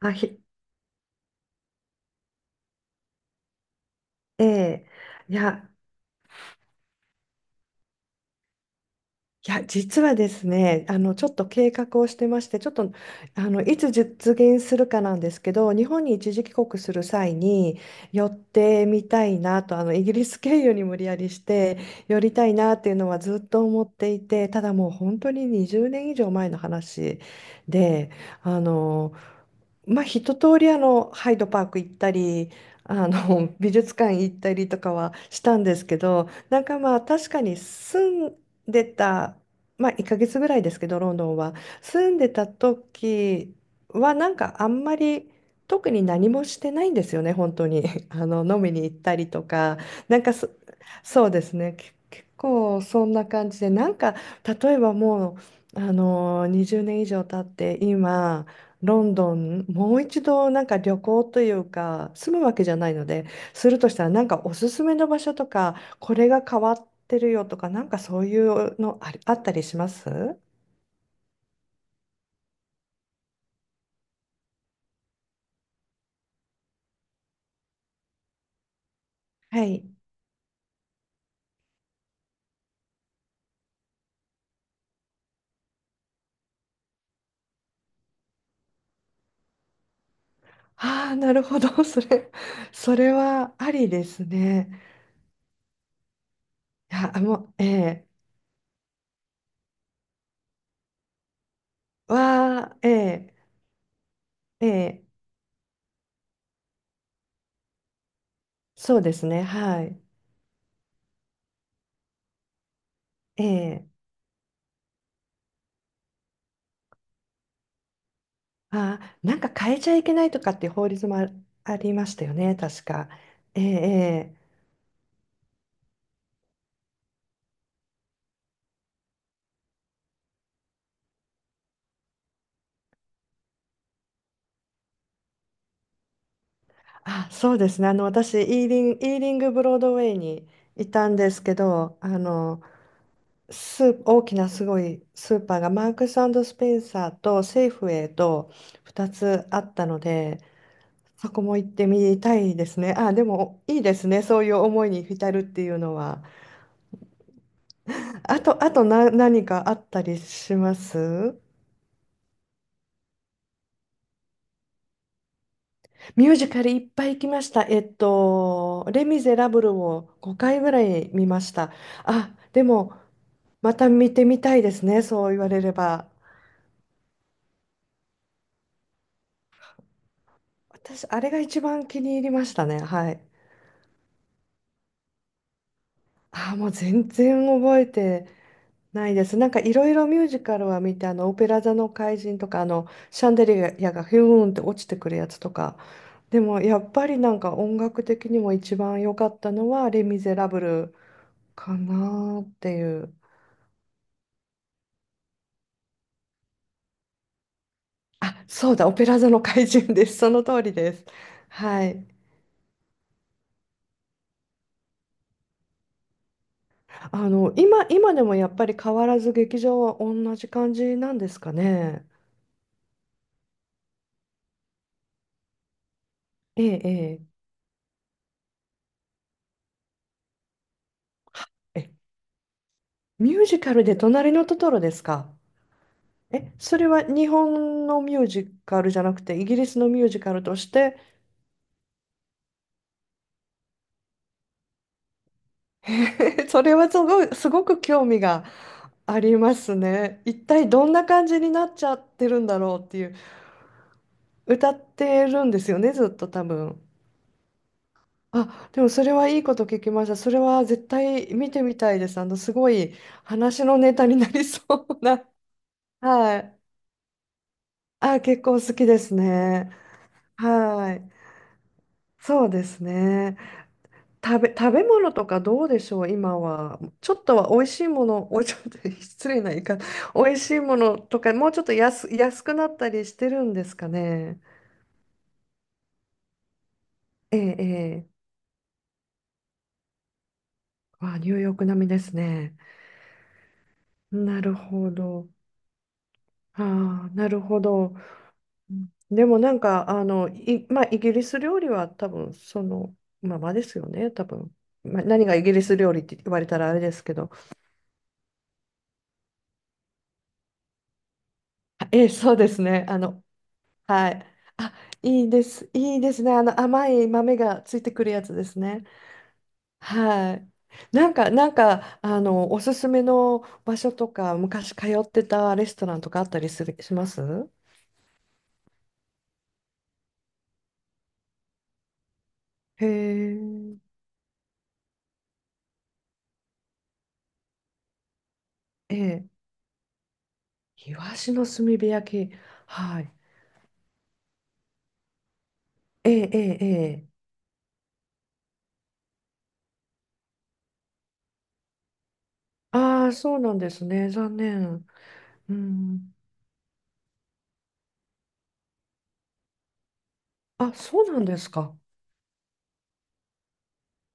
あ、ええ。いや、いや、実はですね、ちょっと計画をしてまして、ちょっと、いつ実現するかなんですけど、日本に一時帰国する際に寄ってみたいなと、イギリス経由に無理やりして寄りたいなっていうのはずっと思っていて、ただもう本当に20年以上前の話で、あの、まあ、一通りハイドパーク行ったり美術館行ったりとかはしたんですけど、なんかまあ確かに住ん出た、まあ、1ヶ月ぐらいですけどロンドンは住んでた時はなんかあんまり特に何もしてないんですよね、本当に。 飲みに行ったりとか。なんかそ、そうですねけ、結構そんな感じでなんか、例えばもう20年以上経って今ロンドンもう一度なんか旅行というか住むわけじゃないので、するとしたらなんかおすすめの場所とかこれが変わってるよとか、なんかそういうのあったりしますはい。ああ、なるほど。それはありですね。いや、あもう、ええ、わあ、ええ、ええ、そうですね。はい。ええ、ああ、なんか変えちゃいけないとかっていう法律もありましたよね、確か。ええ、ええ、あ、そうですね。あの、私、イーリングブロードウェイにいたんですけど、大きなすごいスーパーがマークススペンサーとセーフウェイと2つあったので、そこも行ってみたいですね。あ、でもいいですね。そういう思いに浸るっていうのは。あと、何かあったりしますミュージカルいっぱい行きました。レ・ミゼラブルを5回ぐらい見ました。あ、でも、また見てみたいですね。そう言われれば。私、あれが一番気に入りましたね。はい。ああ、もう全然覚えてないです。なんかいろいろミュージカルは見て、オペラ座の怪人とか、シャンデリアがヒューンって落ちてくるやつとか。でもやっぱりなんか音楽的にも一番良かったのは、レ・ミゼラブルかなーっていう。あ、そうだ、オペラ座の怪人です。その通りです。はい。今でもやっぱり変わらず劇場は同じ感じなんですかね？ええ、ええ。はえ、ミュージカルで隣のトトロですか？え、それは日本のミュージカルじゃなくて、イギリスのミュージカルとして、それはすごく興味がありますね。一体どんな感じになっちゃってるんだろうっていう、歌ってるんですよね、ずっと多分。あ、でもそれはいいこと聞きました。それは絶対見てみたいです。すごい話のネタになりそうな。はい。あ、結構好きですね。はい。そうですね。食べ物とかどうでしょう、今は。ちょっとは美味しいもの、おい、ちょっと 失礼な言い方、美味しいものとか、もうちょっと安くなったりしてるんですかね？ええ、ええ。わあ、ニューヨーク並みですね。なるほど。ああ、なるほど。うん、でもなんか、まあ、イギリス料理は多分そのままですよね、多分。まあ、何がイギリス料理って言われたらあれですけど。あええ、そうですね。はい。あ、いいです。いいですね。あの甘い豆がついてくるやつですね。はい。なんか、おすすめの場所とか、昔通ってたレストランとかあったりする、しますへえ、ええ。イワシの炭火焼き。はい。ええ、ええ、ええ。ああ、そうなんですね。残念。うん。あ、そうなんですか？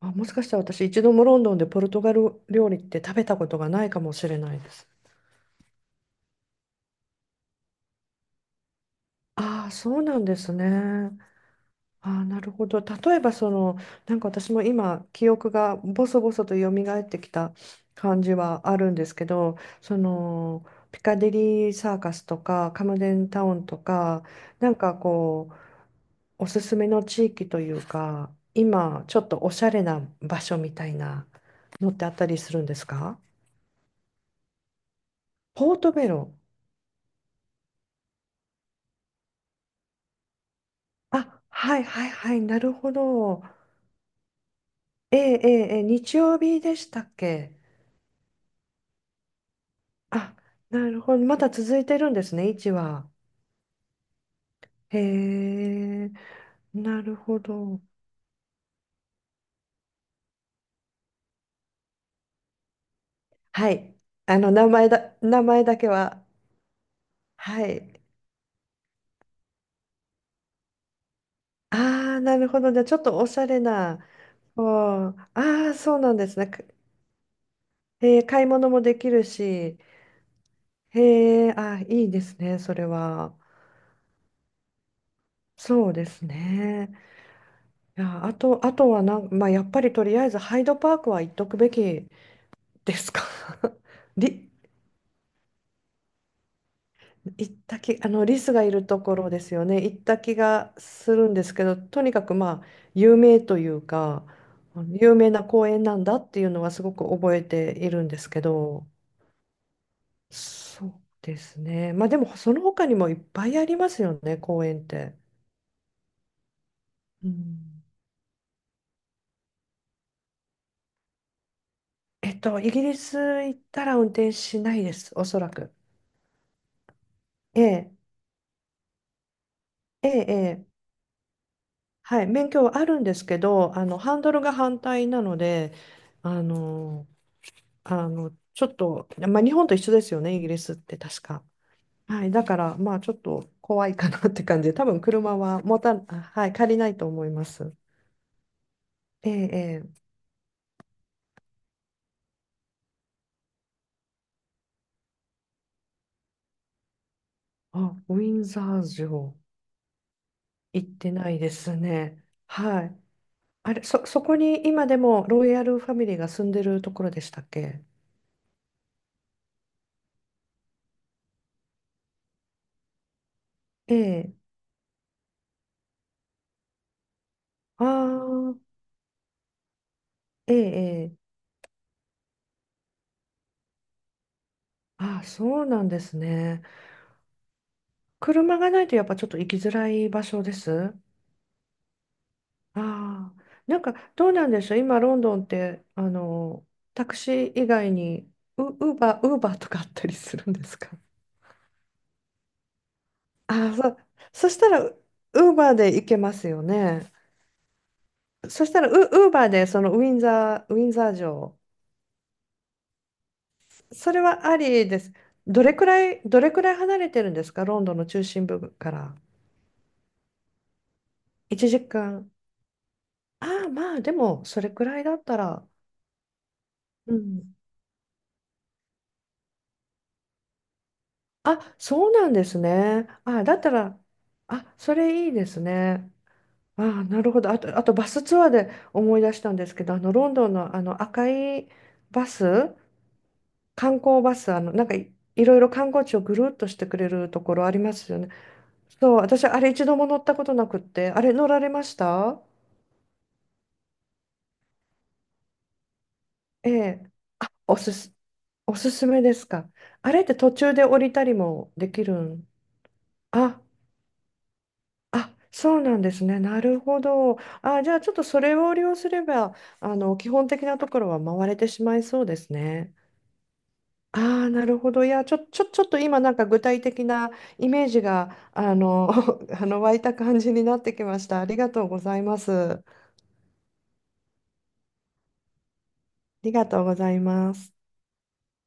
あ、もしかしたら私、一度もロンドンでポルトガル料理って食べたことがないかもしれないです。ああ、そうなんですね。ああ、なるほど。例えば、その、なんか私も今、記憶がボソボソと蘇ってきた感じはあるんですけど、その、ピカデリーサーカスとか、カムデンタウンとか、なんかこう、おすすめの地域というか、今、ちょっとおしゃれな場所みたいなのってあったりするんですか？ポートベロ。あ、はいはいはい、なるほど。ええええ、ええ日曜日でしたっけ？あ、なるほど。まだ続いてるんですね、1は。へえ、なるほど。はい。名前だけは。はい。ああ、なるほど。じゃあ、ちょっとおしゃれな。ああー、そうなんですね。へえ、買い物もできるし。へえ、あー、いいですね、それは。そうですね。いや、あとはなん、まあ、やっぱりとりあえずハイドパークは行っとくべきですか？り、行った気、リスがいるところですよね。行った気がするんですけど、とにかくまあ、有名というか、あの有名な公園なんだっていうのはすごく覚えているんですけど、そうですね。まあでも、その他にもいっぱいありますよね、公園って。うん、イギリス行ったら運転しないです、おそらく。ええ、ええ、ええ、はい、免許はあるんですけど、ハンドルが反対なので、あの、ちょっと、まあ、日本と一緒ですよね、イギリスって確か。はい、だから、まあ、ちょっと怖いかなって感じで、多分車はあ、はい、借りないと思います。ええ、ええ、あ、ウィンザー城、行ってないですね。はい。あれ、そこに今でもロイヤルファミリーが住んでるところでしたっけ？ええ、ああ、ええ、ええ、あ、そうなんですね。車がないとやっぱちょっと行きづらい場所です。ああ、なんかどうなんでしょう、今ロンドンってタクシー以外にウーバーとかあったりするんですか？ああ、そう、そしたらウーバーで行けますよね。そしたらウーバーでそのウィンザー城、それはありです。どれくらい離れてるんですか、ロンドンの中心部から？1時間。ああ、まあでもそれくらいだったら。うん、あ、そうなんですね。あ、だったら、あ、それいいですね。あ、なるほど。あとバスツアーで思い出したんですけど、あのロンドンのあの赤いバス、観光バス、いろいろ観光地をぐるっとしてくれるところありますよね。そう、私あれ一度も乗ったことなくって、あれ乗られましたええ、おすす、おすすめですか？あれって途中で降りたりもできるん？あ、あ、そうなんですね。なるほど。あ、じゃあちょっとそれを利用すれば、あの、基本的なところは回れてしまいそうですね。ああ、なるほど。いや、ちょっと今なんか具体的なイメージが、湧いた感じになってきました。ありがとうございます。ありがとうございます。